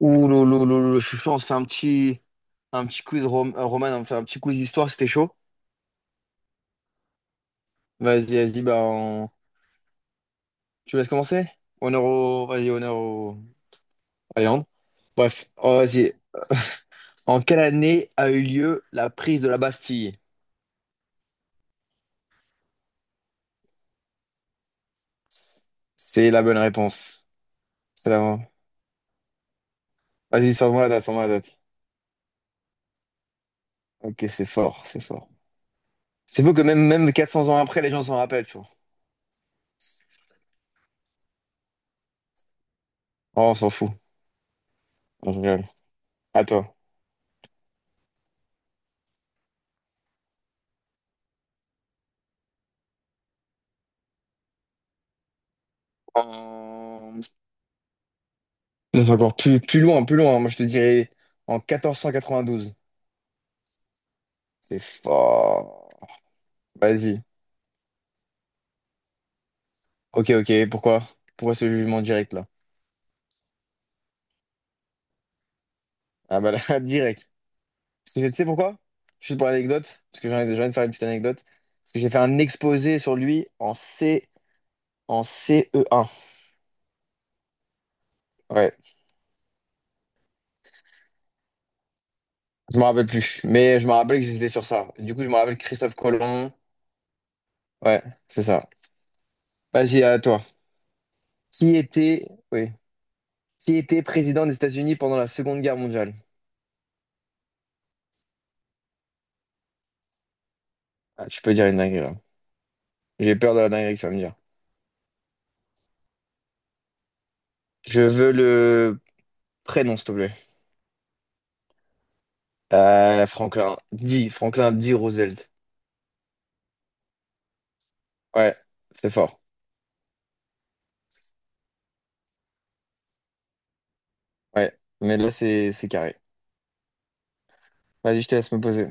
Ouh, là là là là, Je suis chaud. On se fait un petit quiz Roman, on fait un petit quiz d'histoire, c'était chaud. Vas-y, vas-y, tu me laisses commencer? Honneur au... Vas-y, honneur au... Alexandre. Bref, oh, vas-y. En quelle année a eu lieu la prise de la Bastille? C'est la bonne réponse. C'est la... Vas-y, sors-moi la date, sors-moi la date. Ok, c'est fort, c'est fort. C'est fou que même, même 400 ans après, les gens s'en rappellent, tu vois. Oh, on s'en fout. Non, je rigole. À toi. En On va encore plus, plus loin, plus loin, hein. Moi, je te dirais en 1492. C'est fort. Vas-y. Ok, ok. Pourquoi? Pourquoi ce jugement direct là? Ah bah là, direct. Parce que tu sais pourquoi? Juste pour l'anecdote, parce que j'ai envie de faire une petite anecdote. Parce que j'ai fait un exposé sur lui en C, en CE1. Ouais. Je me rappelle plus. Mais je me rappelle que j'étais sur ça. Du coup, je me rappelle Christophe Colomb. Ouais, c'est ça. Vas-y, à toi. Qui était, oui. Qui était président des États-Unis pendant la Seconde Guerre mondiale? Ah, tu peux dire une dinguerie là. J'ai peur de la dinguerie que tu vas me dire. Je veux le prénom, s'il te plaît. Franklin. Dis, Franklin, dis Roosevelt. Ouais, c'est fort. Ouais, mais là, c'est carré. Vas-y, je te laisse me poser.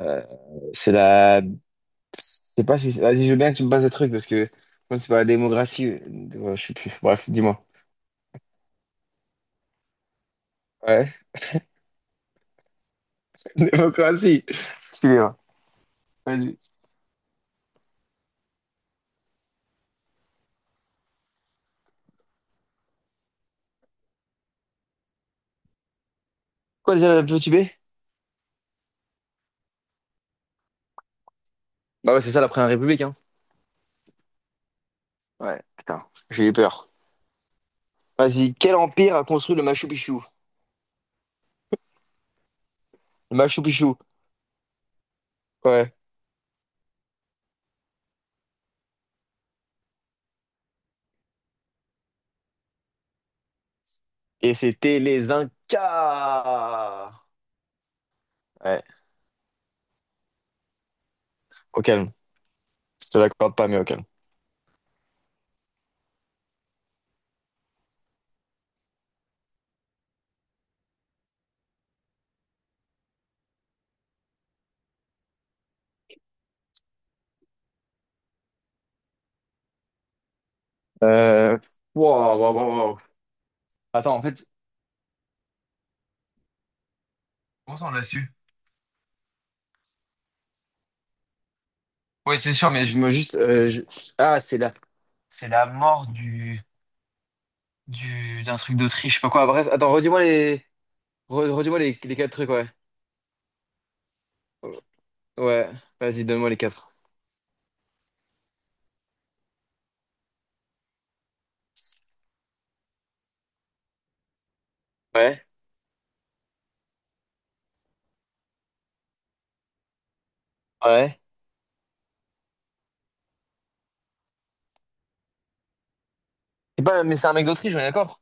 Euh, c'est la... Je sais pas si... Vas-y, je veux bien que tu me passes des trucs, parce que... Moi, c'est pas la démocratie, je sais plus. Bref, dis-moi. Ouais. Démocratie. Excusez-moi. Vas-y. Quoi déjà la petite B? Bah ouais, c'est ça la première république, hein. Ouais, putain, j'ai eu peur. Vas-y, quel empire a construit le Machu Picchu? Le Machu Picchu. Ouais. Et c'était les Incas! Ouais, au calme. Je te l'accorde pas, mais au calme. Euh... Wow, wow, wow, wow. Attends, en fait, comment ça on l'a su? Oui, c'est sûr, mais je me juste. Je- Ah, c'est la mort du... d'un truc d'Autriche, je sais pas quoi. Bref, attends, redis-moi les quatre trucs, ouais. Ouais, vas-y, donne-moi les quatre. Ouais, ouais. C'est pas... Mais c'est un mec d'Autriche, on est d'accord?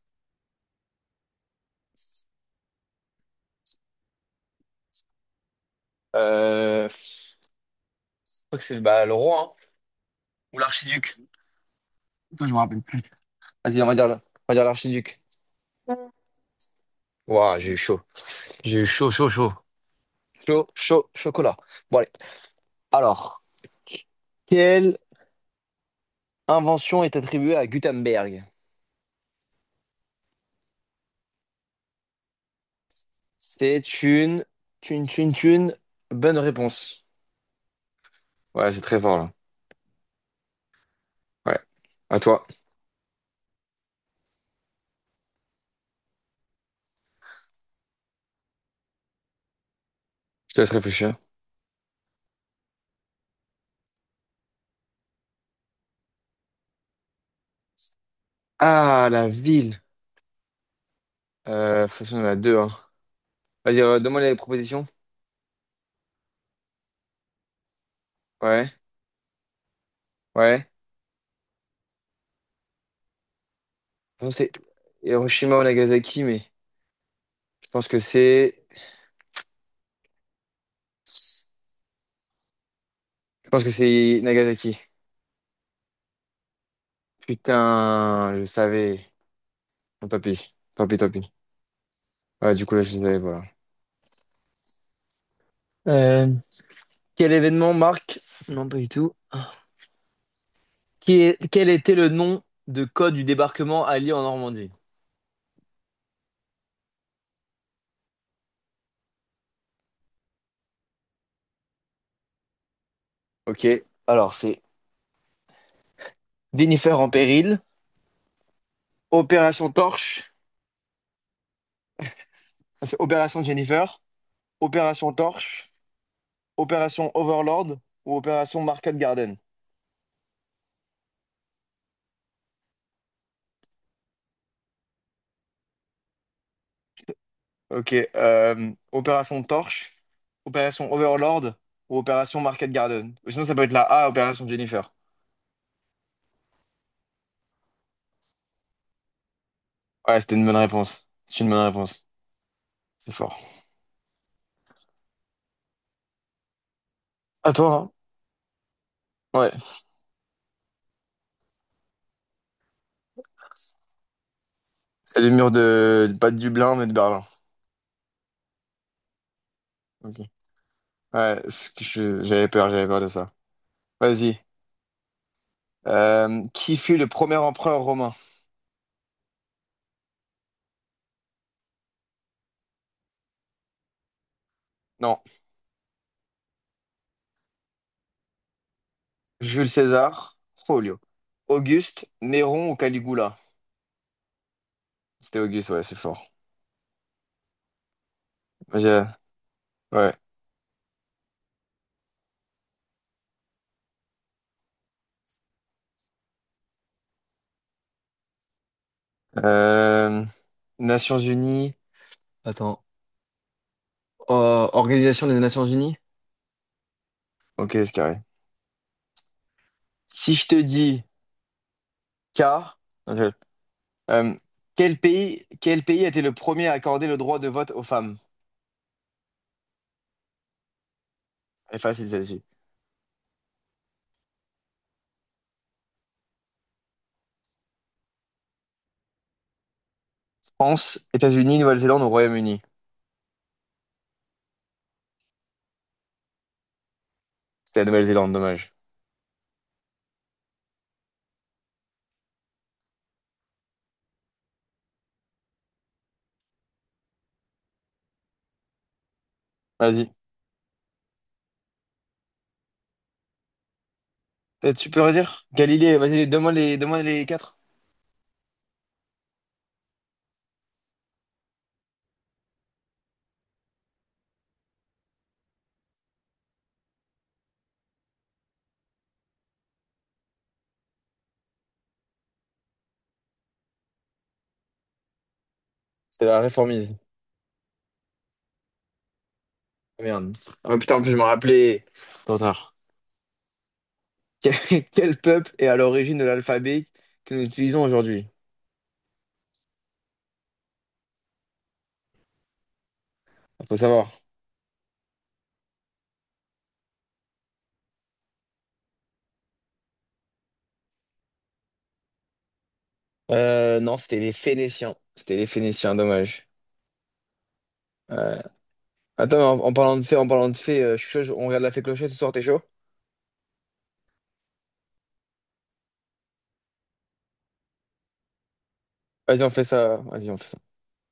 Je crois que c'est bah, le roi, hein. Ou l'archiduc. Toi, je me rappelle plus. Vas-y, on va dire l'archiduc. Waouh, j'ai eu chaud. J'ai eu chaud, chaud, chaud. Chaud, chaud, chocolat. Bon, allez. Alors, quelle invention est attribuée à Gutenberg? C'est une bonne réponse. Ouais, c'est très fort, là. Ouais. À toi. Je te laisse réfléchir. Ah, la ville. De toute façon, il y en a deux, hein. Vas-y, donne-moi les propositions. Ouais, ouais. Je pense que c'est Hiroshima ou Nagasaki, mais je pense que c'est... Je pense que c'est Nagasaki. Putain, je savais. Bon, tant pis, tant pis, tant pis. Ouais, du coup, là, je les avais, voilà. Euh, quel événement marque? Non, pas du tout. Quel était le nom de code du débarquement allié en Normandie? Ok, alors c'est Jennifer en péril, Opération Torche, ça, c'est Opération Jennifer, Opération Torche, Opération Overlord ou Opération Market Garden. Ok, Opération Torche, Opération Overlord ou Opération Market Garden. Ou sinon, ça peut être la A, Opération Jennifer. Ouais, c'était une bonne réponse. C'est une bonne réponse. C'est fort. À toi, hein. Ouais. C'est les murs de, pas de Dublin, mais de Berlin. Ok. Ouais, j'avais peur de ça. Vas-y. Qui fut le premier empereur romain? Non. Jules César, Folio. Auguste, Néron ou Caligula? C'était Auguste, ouais, c'est fort. J'ai- Ouais. Euh, Nations Unies. Attends. Euh, Organisation des Nations Unies? Ok, c'est carré. Si je te dis K, non, euh, quel pays a été le premier à accorder le droit de vote aux femmes? Elle est facile celle-ci. France, États-Unis, Nouvelle-Zélande ou Royaume-Uni? C'était la Nouvelle-Zélande, dommage. Vas-y. Tu peux redire? Galilée, vas-y, donne-moi les quatre. C'était la réformise. Ah, merde. Ah, putain, en plus, je me rappelais. Trop tard. Quel quel peuple est à l'origine de l'alphabet que nous utilisons aujourd'hui? Faut savoir. Non, c'était les Phéniciens. C'était les Phéniciens, dommage. Euh, Attends, en parlant de fées, en parlant de fées, je suis chaud, on regarde la fée clochette ce soir, t'es chaud? Vas-y, on fait ça. Vas-y, on fait ça.